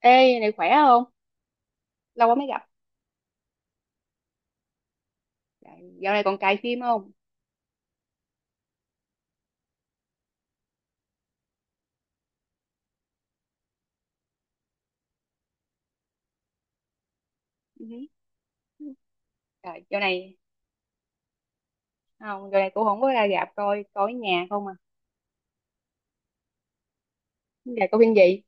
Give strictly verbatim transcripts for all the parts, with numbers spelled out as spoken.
Ê, này khỏe không? Lâu quá mới gặp. Trời, dạo này còn cài phim không? Ừ. Trời, dạo này không, dạo này cũng không có ra rạp coi, coi ở nhà không à. Giờ coi phim gì?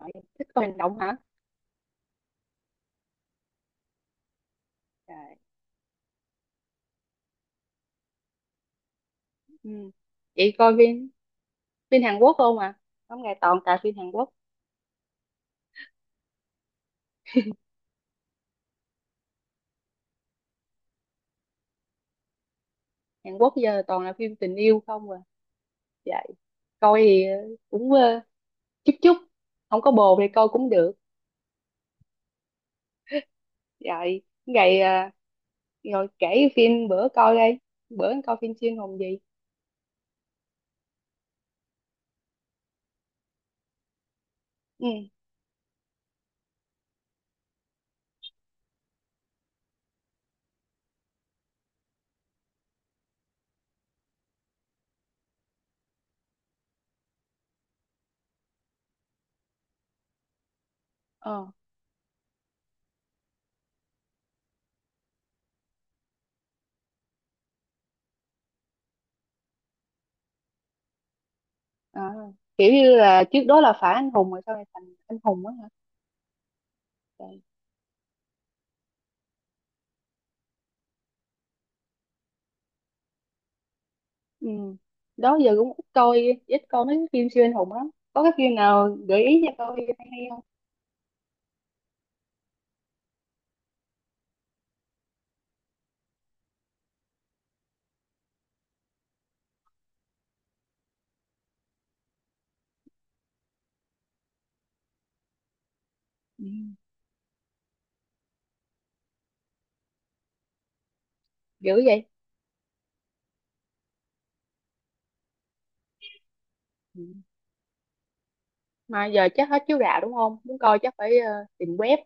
Trời, thích coi hành động hả? Trời. Ừ. Chị coi phim phim Hàn Quốc không à? Không, ngày toàn cài phim Hàn Quốc. Hàn Quốc giờ toàn là phim tình yêu không à. Vậy coi thì ờ, cũng ờ, chút chút, không có bồ thì coi cũng được. Vậy ngày ờ, rồi kể phim bữa coi đây. Bữa coi phim xuyên hồn gì? Ừ. Ờ. À, kiểu như là trước đó là phá anh hùng rồi sau này thành anh hùng á hả. Trời. Ừ. Đó giờ cũng ít coi ít coi mấy cái phim siêu anh hùng lắm, có cái phim nào gợi ý cho tôi hay hay không? Ừ. Dữ vậy. Ừ. Mà giờ chắc hết chiếu rạp, đúng không? Muốn coi chắc phải ờ, tìm web,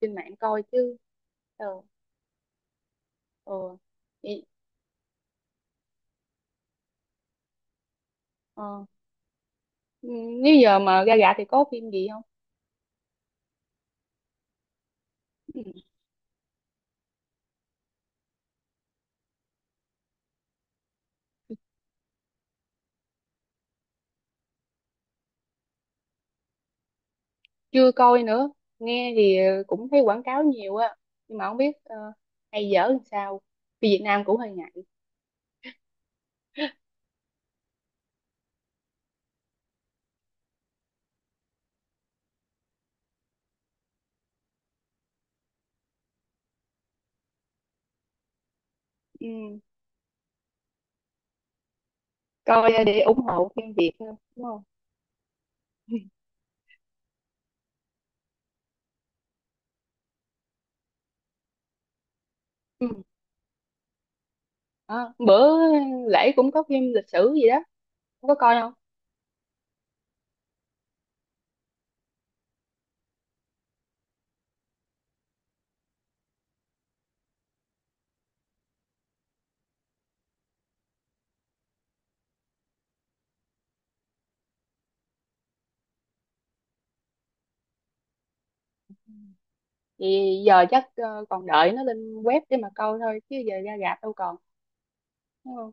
trên mạng coi chứ. Ờ. Ờ. Vậy- ờ. Ừ, nếu giờ mà ra rạp thì có phim gì không? Ừ. Chưa coi nữa, nghe thì ờ, cũng thấy quảng cáo nhiều á, nhưng mà không biết ờ, hay dở làm sao, vì Việt Nam cũng hơi ngại. Ừ. Coi để ủng hộ phim Việt thôi, đúng không? Ừ. Đó. Bữa lễ cũng có phim lịch sử gì đó, không có coi không? Thì giờ chắc ờ, còn đợi nó lên web để mà coi thôi chứ giờ ra rạp đâu còn, đúng không?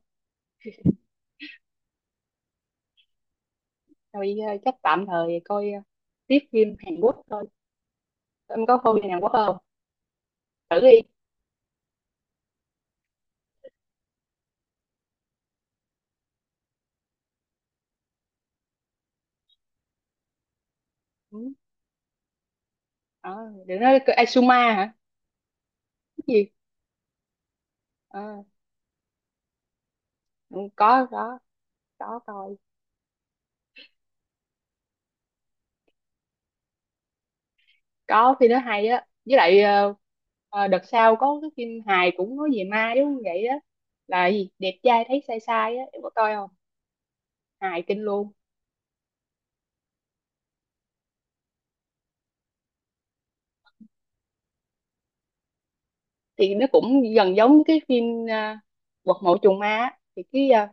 Rồi ờ, chắc tạm thời coi ờ, tiếp phim Hàn Quốc thôi. Em có coi phim Hàn Quốc không? Thử đi. Ừ. Đó. Đừng nói Asuma hả? Cái gì? Ờ. Ừ, có có có coi. Có phim nó hay á, với lại ờ, ờ, đợt sau có cái phim hài cũng nói về ma giống vậy á, là gì đẹp trai thấy sai sai á, em có coi không? Hài kinh luôn. Thì nó cũng gần giống cái phim uh, quật mộ trùng ma á. Thì cái ờ,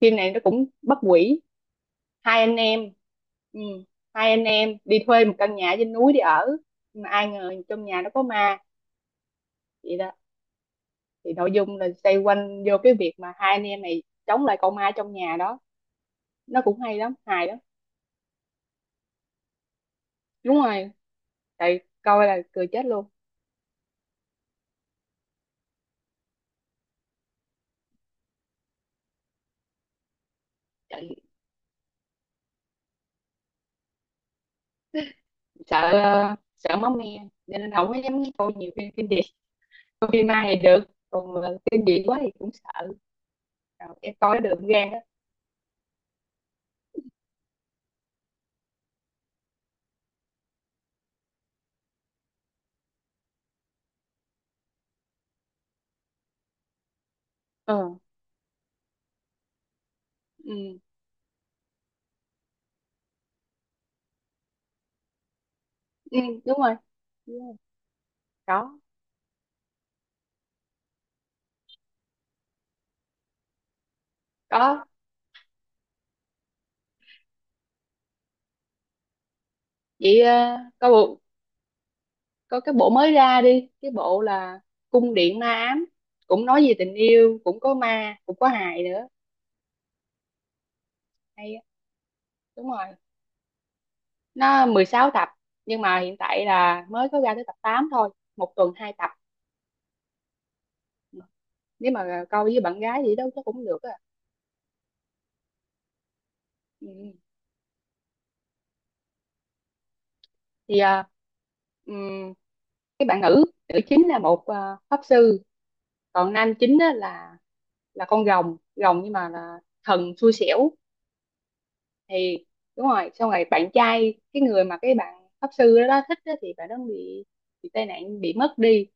phim này nó cũng bắt quỷ, hai anh em. Ừ. Hai anh em đi thuê một căn nhà trên núi để ở, nhưng mà ai ngờ trong nhà nó có ma, vậy đó. Thì nội dung là xoay quanh vô cái việc mà hai anh em này chống lại con ma trong nhà đó. Nó cũng hay lắm, hài lắm. Đúng rồi, tại coi là cười chết luôn. Tại sợ ờ, sợ máu me nên không có dám coi nhiều phim kinh dị. Coi phim ma thì được, còn mà kinh dị quá thì cũng sợ. Rồi, em coi được gan á. Ừ. Ừ. Ừ. Đúng rồi. Yeah. Có. Có. Vậy ờ, có bộ có cái bộ mới ra đi, cái bộ là cung điện ma ám, cũng nói về tình yêu, cũng có ma, cũng có hài nữa. Hay á. Đúng rồi, nó mười sáu tập, nhưng mà hiện tại là mới có ra tới tập tám thôi, một tuần hai tập. Nếu mà coi với bạn gái gì đó chắc cũng được á. Ừ. Ừ. Thì à, ừm, cái bạn nữ nữ chính là một à, pháp sư. Còn nam chính á là là con rồng rồng, nhưng mà là thần xui xẻo. Thì đúng rồi, xong rồi bạn trai, cái người mà cái bạn pháp sư đó, đó thích á, thì bạn đó bị bị tai nạn, bị mất đi.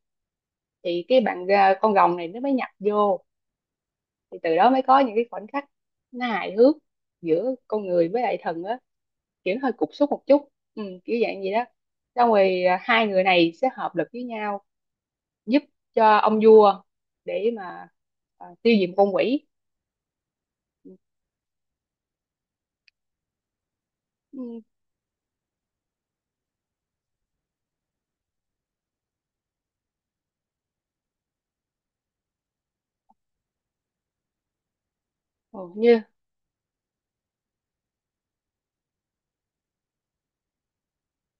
Thì cái bạn à, con rồng này nó mới nhập vô, thì từ đó mới có những cái khoảnh khắc nó hài hước giữa con người với lại thần á, kiểu nó hơi cục súc một chút. Ừ, kiểu dạng gì đó. Xong rồi à, hai người này sẽ hợp lực với nhau, giúp cho ông vua để mà à, tiêu diệt một con quỷ. Ừ, hầu như.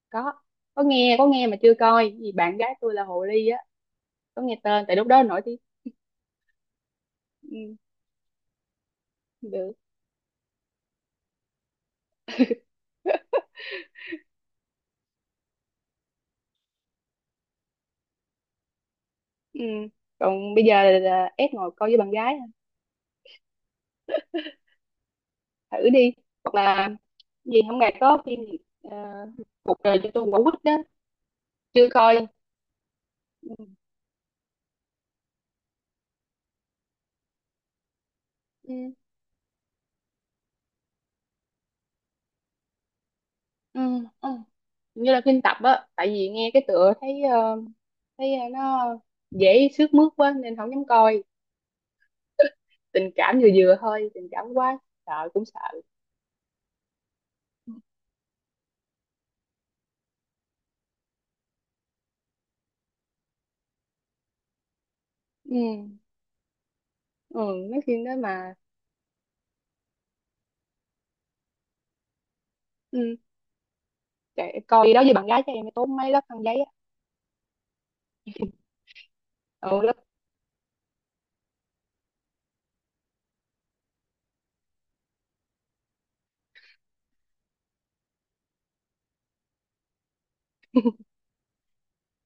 Có có nghe có nghe mà chưa coi vì bạn gái tôi là hồ ly á. Có nghe tên, tại lúc đó nổi tiếng. Ừ, được. Ừ. Còn bây giờ là ép ngồi coi với bạn gái. Thử đi. Hoặc là gì hôm nay có phim gì, ờ, cuộc đời cho tôi quả quýt đó. Chưa coi. Ừ. Ừ. Ừ. Như là phim tập á, tại vì nghe cái tựa thấy ờ, thấy ờ, nó dễ sướt mướt quá nên không dám coi. Tình cảm vừa vừa thôi, tình cảm quá sợ cũng sợ. Ừ. Ừ. Mấy phim đó mà. Ừ, kệ, coi đi đó với bạn gái cho em, mới tốn mấy lớp khăn giấy á. Ừ lớp.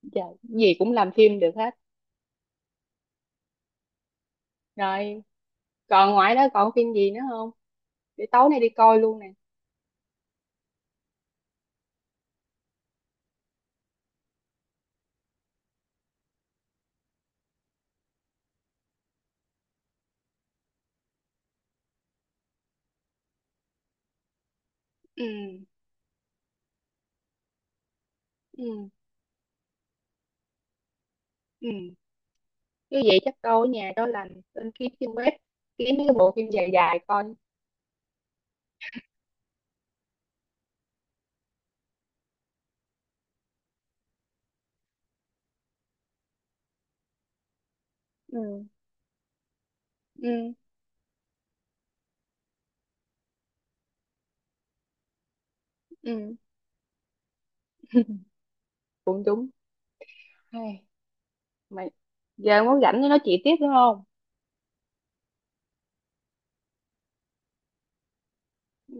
Giờ gì cũng làm phim được hết. Rồi. Còn ngoài đó còn phim gì nữa không, để tối nay đi coi luôn nè. Ừ. Ừ. Ừ. Như vậy chắc câu ở nhà cho lành, lên kiếm trên web, kiếm mấy cái bộ phim dài dài coi. Ừ. Ừ. Ừ. Cũng đúng. Hey, mày giờ muốn rảnh nó nói chuyện tiếp, đúng không? Ừ.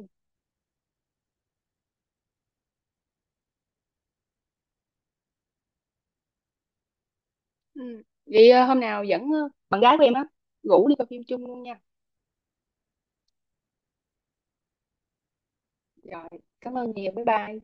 Ừ. Vậy ờ, hôm nào dẫn ờ, bạn gái của em á, rủ đi coi phim chung luôn nha. Rồi. Cảm ơn nhiều, bye bye.